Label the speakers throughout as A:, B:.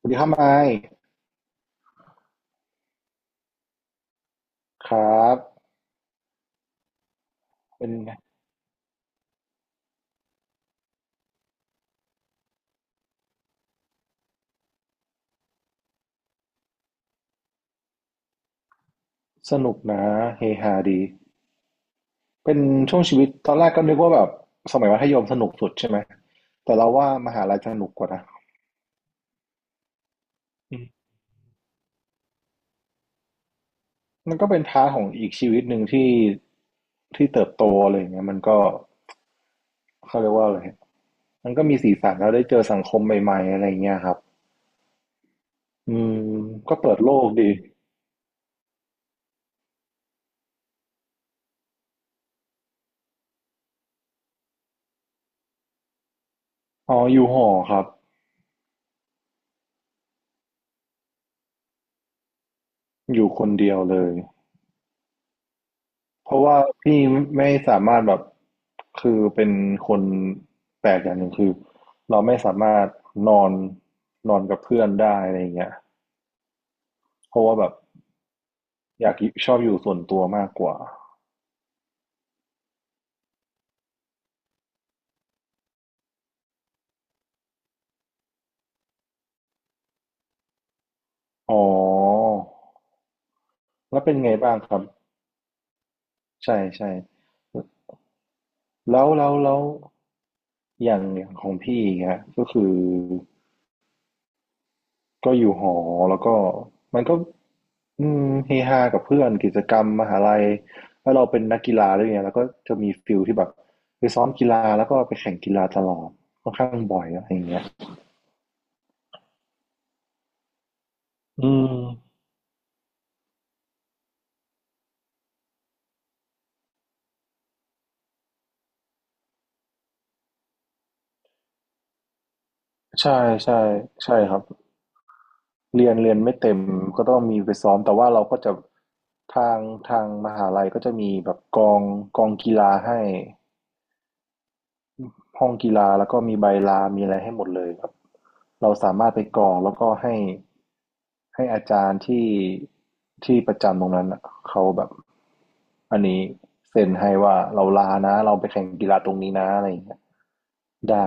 A: สวัสดีครับไมค์ครับเป็นไงสนุกนะเฮฮาดีเป็นช่วงชีวิตตอนแรกก็นึกว่าแบบสมัยมัธยมสนุกสุดใช่ไหมแต่เราว่ามหาลัยสนุกกว่านะอืมมันก็เป็นพาร์ทของอีกชีวิตหนึ่งที่เติบโตอะไรอย่างเงี้ยมันก็เขาเรียกว่าอะไรมันก็มีสีสันแล้วได้เจอสังคมใหม่ๆอะไรอย่างเงี้ยครับอืมก็เปิดโลกดีอ๋ออยู่หอครับอยู่คนเดียวเลย เพราะว่าพี่ไม่สามารถแบบคือเป็นคนแปลกอย่างหนึ่งคือเราไม่สามารถนอนนอนกับเพื่อนได้อะไรอย่างเงี้ยเพราะว่าแบบอยากชอบอยู่ส่วนตัวมากกว่าอ๋อแล้วเป็นไงบ้างครับใช่ใช่แล้วแล้วแล้วอย่างของพี่อย่างเงี้ยก็คือ ก็อยู่หอแล้วก็มันก็อืมเฮฮากับเพื่อนกิจกรรมมหาลัยแล้วเราเป็นนักกีฬาด้วยไงแล้วก็จะมีฟิลที่แบบไปซ้อมกีฬาแล้วก็ไปแข่งกีฬาตลอดค่อนข้างบ่อยอะไรอย่างเงี้ยอืมใช่ใช่ใช่ครับเรียนไม่เต็มก็ต้องมีไปซ้อมแต่ว่าเราก็จะทางมหาลัยก็จะมีแบบกองกีฬาให้ ห้องกีฬาแล้วก็มีใบลา มีอะไรให้หมดเลยครับเราสามารถไปกรอกแล้วก็ให้อาจารย์ที่ประจำตรงนั้นน่ะเขาแบบอันนี้เซ็นให้ว่าเราลานะเราไปแข่งกีฬาตรงนี้นะอะไรอย่างเงี้ยได้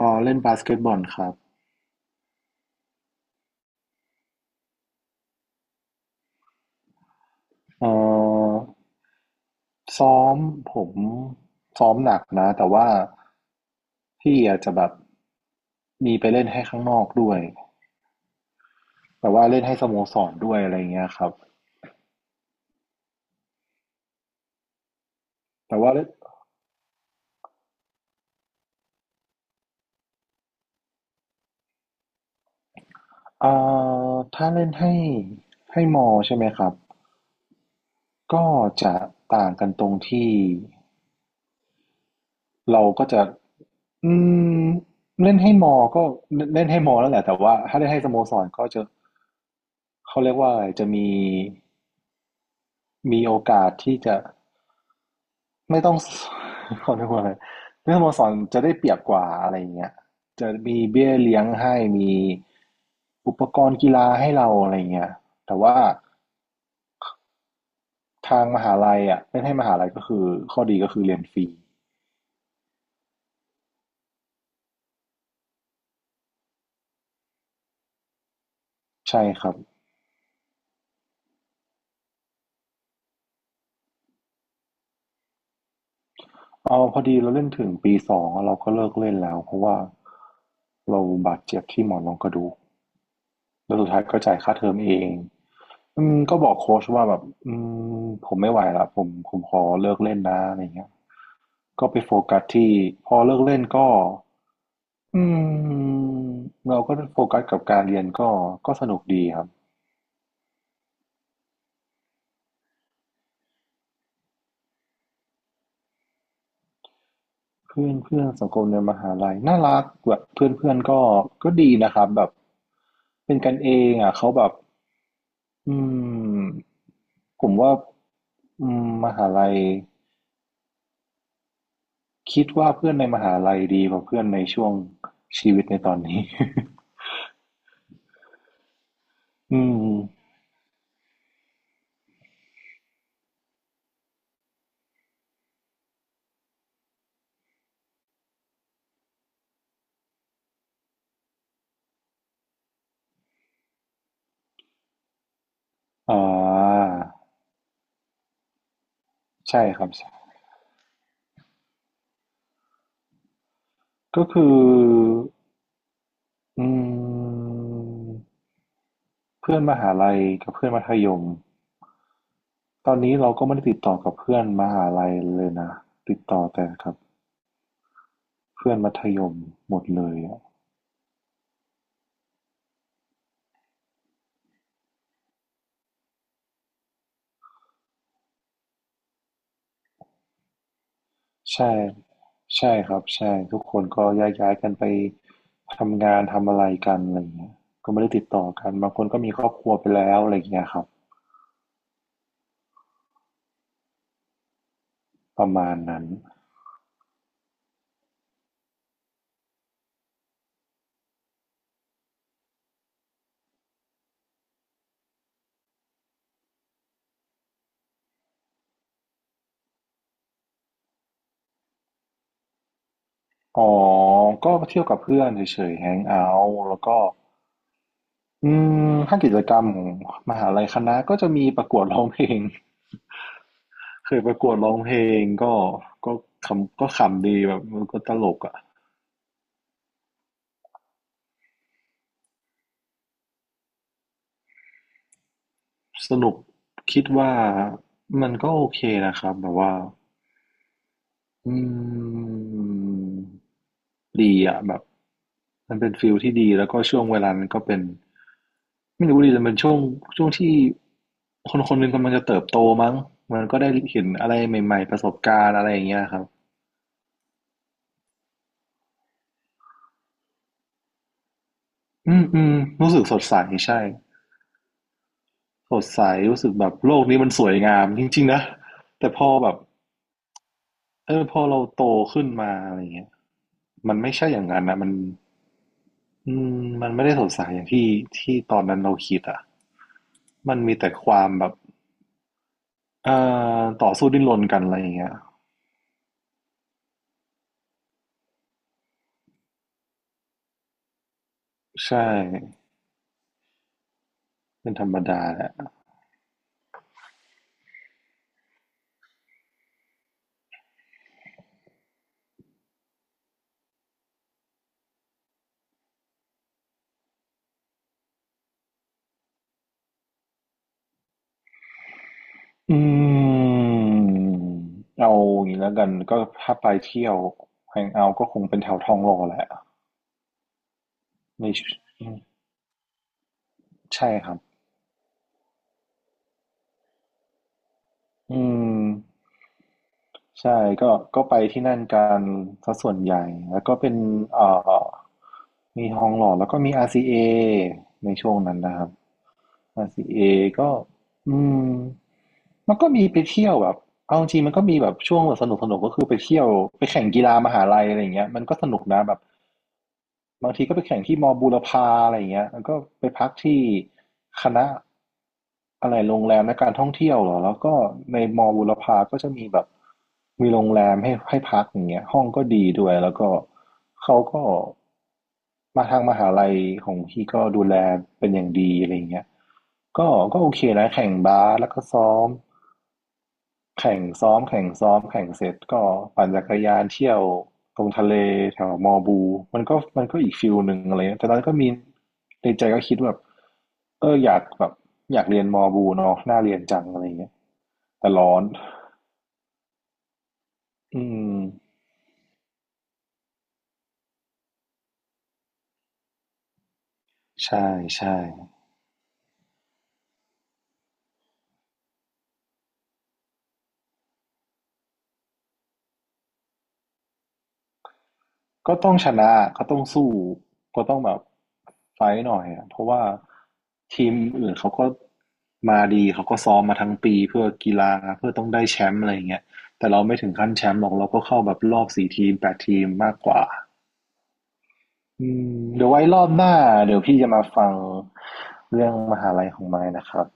A: อ๋อเล่นบาสเกตบอลครับเอ่อซ้อมผมซ้อมหนักนะแต่ว่าพี่อาจจะแบบมีไปเล่นให้ข้างนอกด้วยแต่ว่าเล่นให้สโมสรด้วยอะไรอย่างเงี้ยครับแต่ว่าเล่น เอ่ถ้าเล่นให้มอใช่ไหมครับก็จะต่างกันตรงที่เราก็จะอืมเล่นให้มอก็เล่นให้มอแล้วแหละแต่ว่าถ้าเล่นให้สโมสรก็จะเขาเรียกว่าอะไรจะมีโอกาสที่จะไม่ต้อง เขาเรียกว่าอะไรเล่นสโมสรจะได้เปรียบกว่าอะไรอย่างเงี้ยจะมีเบี้ยเลี้ยงให้มีอุปกรณ์กีฬาให้เราอะไรอย่างเงี้ยแต่ว่า ทางมหาลัยอะเล่นให้มหาลัยก็คือข้อดีก็คือเรียนฟรีใช่ครับเอาพอดีเราเล่นถึงปี2องวเราก็เลิกเล่นแล้วเพราะว่าเราบาดเจ็บที่หมอนรองกระดูกแล้วสุดท้ายก็จ่ายค่าเทอมเองอืมก็บอกโค้ชว่าแบบอืมผมไม่ไหวละผมขอเลิกเล่นนะอะไรเงี้ยก็ไปโฟกัสที่พอเลิกเล่นก็อืมเราก็โฟกัสกับการเรียนก็สนุกดีครับ เพื่อนเพื่อนสังคมในมหาลัยน่ารักแบบเพื่อนเพื่อนก็ดีนะครับแบบเป็นกันเองอ่ะเขาแบบอืมผมว่าอืมมหาลัยคิดว่าเพื่อนในมหาลัยดีกว่าเพื่อนในช่วงชีวิตในตอนนี้ อืมอ่าใช่ครับก็คืออืมเพื่อนมหาลัยกับเพื่อนมัธยมตอนนี้เราก็ไม่ได้ติดต่อกับเพื่อนมหาลัยเลยนะติดต่อแต่กับ เพื่อนมัธยมหมดเลยอะใช่ใช่ครับใช่ทุกคนก็แยกย้ายกันไปทำงานทำอะไรกันอะไรเงี้ยก็ไม่ได้ติดต่อกันบางคนก็มีครอบครัวไปแล้วอะไรเงี้ยครับประมาณนั้นอ๋อก็เที่ยวกับเพื่อนเฉยๆแฮงเอาท์แล้วก็อืมถ้ากิจกรรมของมหาลัยคณะก็จะมีประกวดร้องเพลงเคยประกวดร้องเพลงก็ก็ขำก็ขำดีแบบมันก็ตลกอะ สรุปคิดว่ามันก็โอเคนะครับแบบว่าอืมดีอะแบบมันเป็นฟิลที่ดีแล้วก็ช่วงเวลานั้นก็เป็นไม่รู้ดิแต่เป็นช่วงที่คนคนหนึ่งกำลังจะเติบโตมั้งมันก็ได้เห็นอะไรใหม่ๆประสบการณ์อะไรอย่างเงี้ยครับอืมอืมรู้สึกสดใสใช่สดใสรู้สึกแบบโลกนี้มันสวยงามจริงๆนะแต่พอแบบ เออพอเราโตขึ้นมาอะไรเงี้ยมันไม่ใช่อย่างนั้นนะมันอืมมันไม่ได้สดใสอย่างที่ตอนนั้นเราคิดอ่ะมันมีแต่ความแบบเอ่ต่อสู้ดิ้นรนกันอะไรอย่างเงี้ยใช่เป็นธรรมดาแหละอืมเอาอย่างนี้แล้วกันก็ถ้าไปเที่ยวแฮงเอาท์ก็คงเป็นแถวทองหล่อแหละในใช่ครับอืม ใช่ก็ไปที่นั่นกันซะส่วนใหญ่แล้วก็เป็นเอ่อมีทองหล่อแล้วก็มี RCA ในช่วงนั้นนะครับ RCA ก็อืมมันก็มีไปเที่ยวแบบเอาจริงๆมันก็มีแบบช่วงแบบสนุกก็คือไปเที่ยวไปแข่งกีฬามหาลัยอะไรอย่างเงี้ยมันก็สนุกนะแบบ บางทีก็ไปแข่งที่มอบูรพาอะไรอย่างเงี้ยแล้วก็ไปพักที่คณะอะไรโรงแรมและการท่องเที่ยวเหรอแล้วก็ในมอบูรพาก็จะมีแบบมีโรงแรมให้พักอย่างเงี้ยห้องก็ดีด้วยแล้วก็เขาก็มาทางมหาลัยของพี่ก็ดูแลเป็นอย่างดีอะไรอย่างเงี้ยก็โอเคนะแข่งบาสแล้วก็ซ้อม แข่งซ้อมแข่งซ้อมแข่งเสร็จก็ปั่นจักรยานเที่ยวตรงทะเลแถวมอบูมันก็อีกฟิลหนึ่งอะไรเงี้ยแต่ตอนนั้นก็มีในใจก็คิดว่าแบบเอออยากแบบอยากเรียนมอบูเนาะน่าเรียนจังอะไรเงี้ยแต่ร้อนอืมใช่ใช่ ก็ต้องชนะก็ต้องสู้ก็ต้องแบบไฟท์หน่อยอะเพราะว่าทีมอื่นเขาก็มาดีเขาก็ซ้อมมาทั้งปีเพื่อกีฬาเพื่อต้องได้แชมป์อะไรอย่างเงี้ยแต่เราไม่ถึงขั้นแชมป์หรอกเราก็เข้าแบบรอบสี่ทีมแปดทีมมากกว่าอืมเดี๋ยวไว้รอบหน้าเดี๋ยวพี่จะมาฟังเรื่องมหาลัยของไม้นะครับ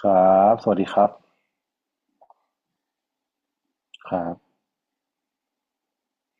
A: ครับสวัสดีครับครับ